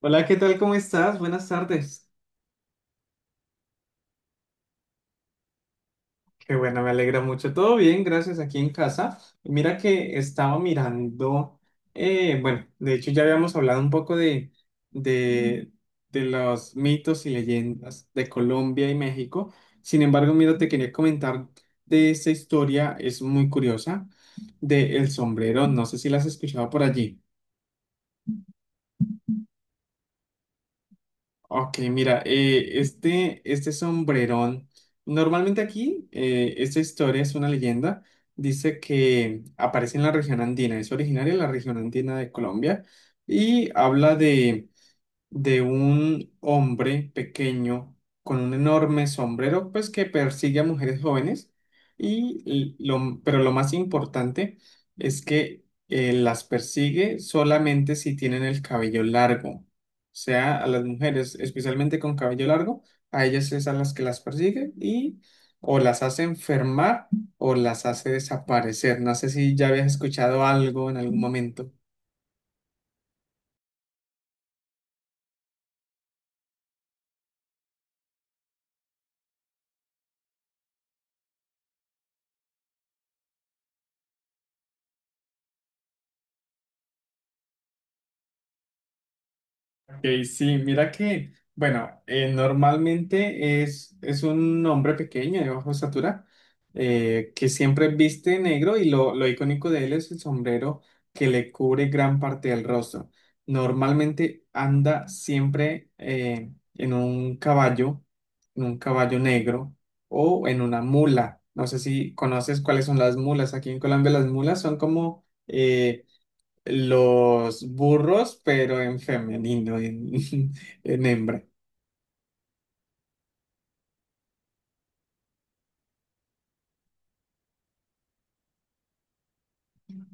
Hola, ¿qué tal? ¿Cómo estás? Buenas tardes. Qué bueno, me alegra mucho. Todo bien, gracias, aquí en casa. Mira que estaba mirando, bueno, de hecho ya habíamos hablado un poco de, de los mitos y leyendas de Colombia y México. Sin embargo, mira, te quería comentar de esta historia, es muy curiosa, de El Sombrero. No sé si la has escuchado por allí. Ok, mira, este sombrerón, normalmente aquí esta historia es una leyenda, dice que aparece en la región andina, es originaria de la región andina de Colombia y habla de un hombre pequeño con un enorme sombrero, pues que persigue a mujeres jóvenes. Pero lo más importante es que las persigue solamente si tienen el cabello largo. O sea, a las mujeres, especialmente con cabello largo, a ellas es a las que las persigue y o las hace enfermar o las hace desaparecer. No sé si ya habías escuchado algo en algún momento. Ok, sí, mira que, bueno, normalmente es un hombre pequeño de baja estatura que siempre viste negro y lo icónico de él es el sombrero que le cubre gran parte del rostro. Normalmente anda siempre en un caballo negro o en una mula. No sé si conoces cuáles son las mulas. Aquí en Colombia las mulas son como los burros, pero en femenino, en hembra.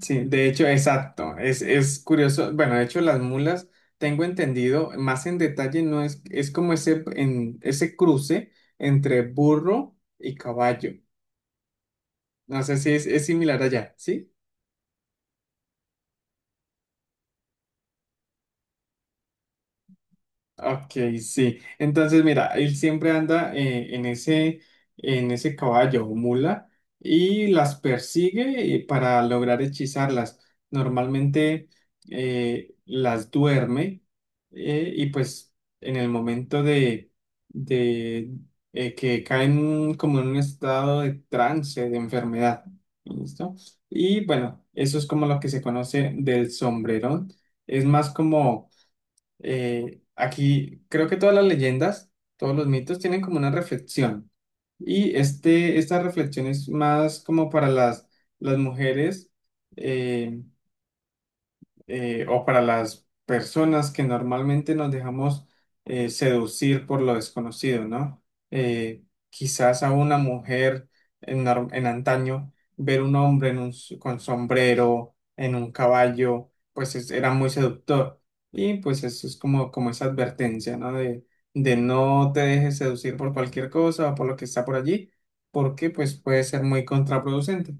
Sí, de hecho, exacto. Es curioso. Bueno, de hecho, las mulas, tengo entendido, más en detalle, no es, es como ese cruce entre burro y caballo. No sé si es similar allá, ¿sí? Ok, sí. Entonces, mira, él siempre anda en en ese caballo o mula y las persigue para lograr hechizarlas. Normalmente las duerme y pues en el momento de que caen como en un estado de trance, de enfermedad. ¿Listo? Y bueno, eso es como lo que se conoce del sombrerón. Es más como aquí creo que todas las leyendas, todos los mitos tienen como una reflexión. Esta reflexión es más como para las mujeres eh, o para las personas que normalmente nos dejamos seducir por lo desconocido, ¿no? Eh, quizás a una mujer en antaño ver un hombre con sombrero, en un caballo, pues era muy seductor. Y pues eso es como, como esa advertencia, ¿no? De no te dejes seducir por cualquier cosa o por lo que está por allí, porque pues puede ser muy contraproducente.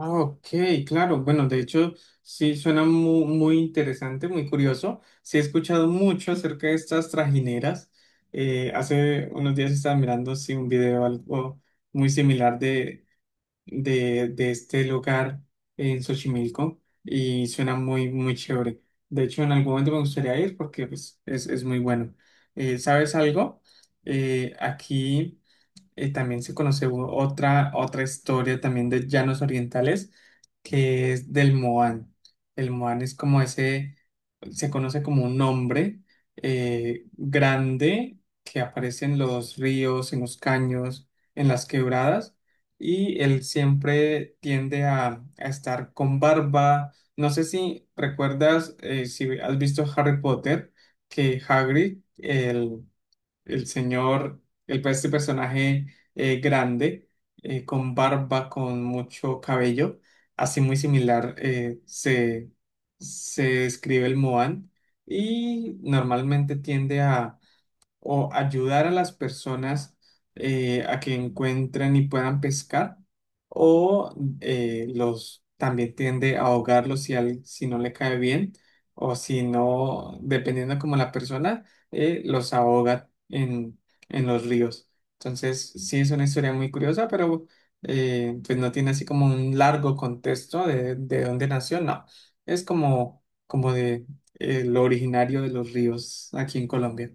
Ah, ok, claro. Bueno, de hecho, sí suena muy, muy interesante, muy curioso. Sí he escuchado mucho acerca de estas trajineras. Hace unos días estaba mirando sí, un video algo muy similar de este lugar en Xochimilco y suena muy, muy chévere. De hecho, en algún momento me gustaría ir porque pues, es muy bueno. ¿Sabes algo? Aquí... Y también se conoce otra historia también de llanos orientales, que es del Moan. El Moan es como ese, se conoce como un hombre grande que aparece en los ríos, en los caños, en las quebradas, y él siempre tiende a estar con barba. No sé si recuerdas, si has visto Harry Potter, que Hagrid, el señor, el, pues, este personaje grande, con barba, con mucho cabello, así muy similar se describe el Moan y normalmente tiende a o ayudar a las personas a que encuentren y puedan pescar, o los también tiende a ahogarlos si no le cae bien, o si no, dependiendo como la persona, los ahoga en los ríos. Entonces, sí es una historia muy curiosa, pero pues no tiene así como un largo contexto de dónde nació, no. Es como, como de lo originario de los ríos aquí en Colombia.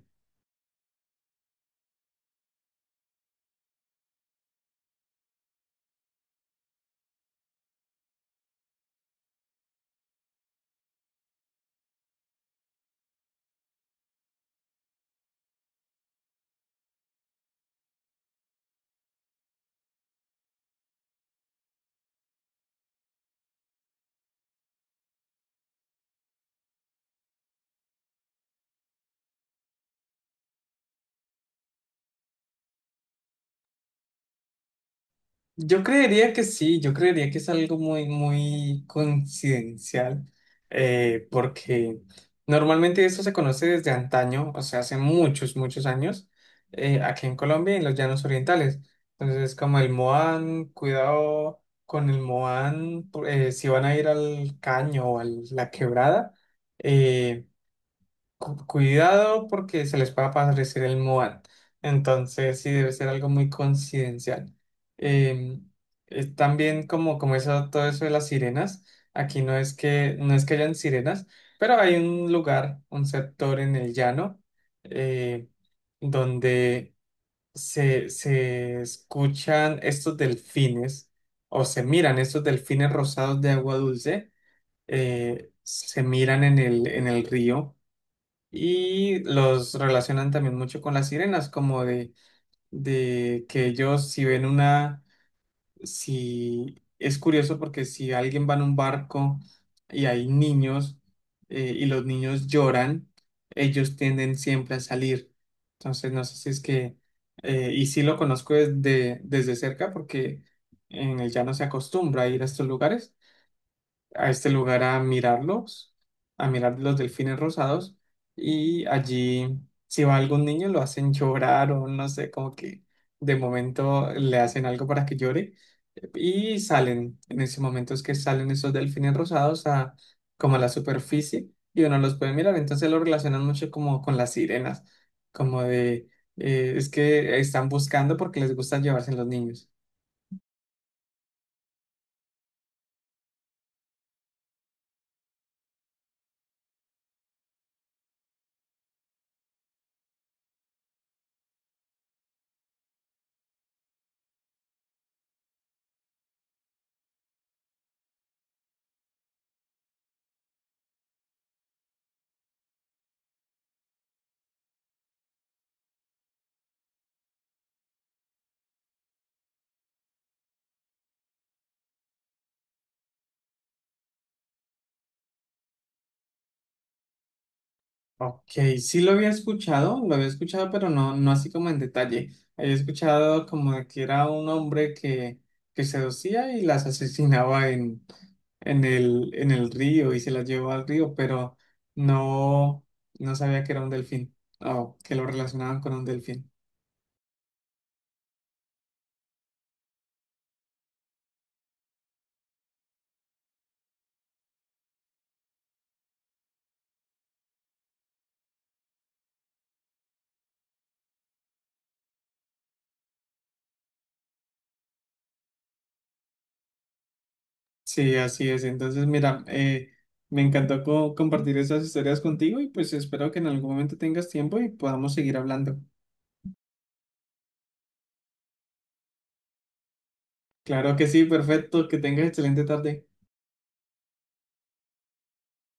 Yo creería que sí, yo creería que es algo muy, muy coincidencial, porque normalmente eso se conoce desde antaño, o sea, hace muchos, muchos años, aquí en Colombia, y en los llanos orientales. Entonces, como el Moan, cuidado con el Moan, si van a ir al caño o a la quebrada, eh, cuidado porque se les puede aparecer el Moan. Entonces, sí, debe ser algo muy coincidencial. Eh, también como, como eso, todo eso de las sirenas, aquí no es que, no es que hayan sirenas, pero hay un lugar, un sector en el llano, eh, donde se escuchan estos delfines o se miran estos delfines rosados de agua dulce, se miran en el río. Y los relacionan también mucho con las sirenas, como de que ellos si ven una, si es curioso porque si alguien va en un barco y hay niños y los niños lloran, ellos tienden siempre a salir. Entonces no sé si es que, y sí lo conozco desde, desde cerca porque en el llano se acostumbra a ir a estos lugares a este lugar a mirarlos, a mirar los delfines rosados y allí si va algún niño lo hacen llorar o no sé, como que de momento le hacen algo para que llore y salen, en ese momento es que salen esos delfines rosados a como a la superficie y uno los puede mirar, entonces lo relacionan mucho como con las sirenas, como de es que están buscando porque les gusta llevarse los niños. Ok, sí lo había escuchado, pero no, no así como en detalle. Había escuchado como de que era un hombre que seducía y las asesinaba en en el río y se las llevó al río, pero no, no sabía que era un delfín o que lo relacionaban con un delfín. Sí, así es. Entonces, mira, me encantó compartir esas historias contigo y pues espero que en algún momento tengas tiempo y podamos seguir hablando. Claro que sí, perfecto, que tengas excelente tarde.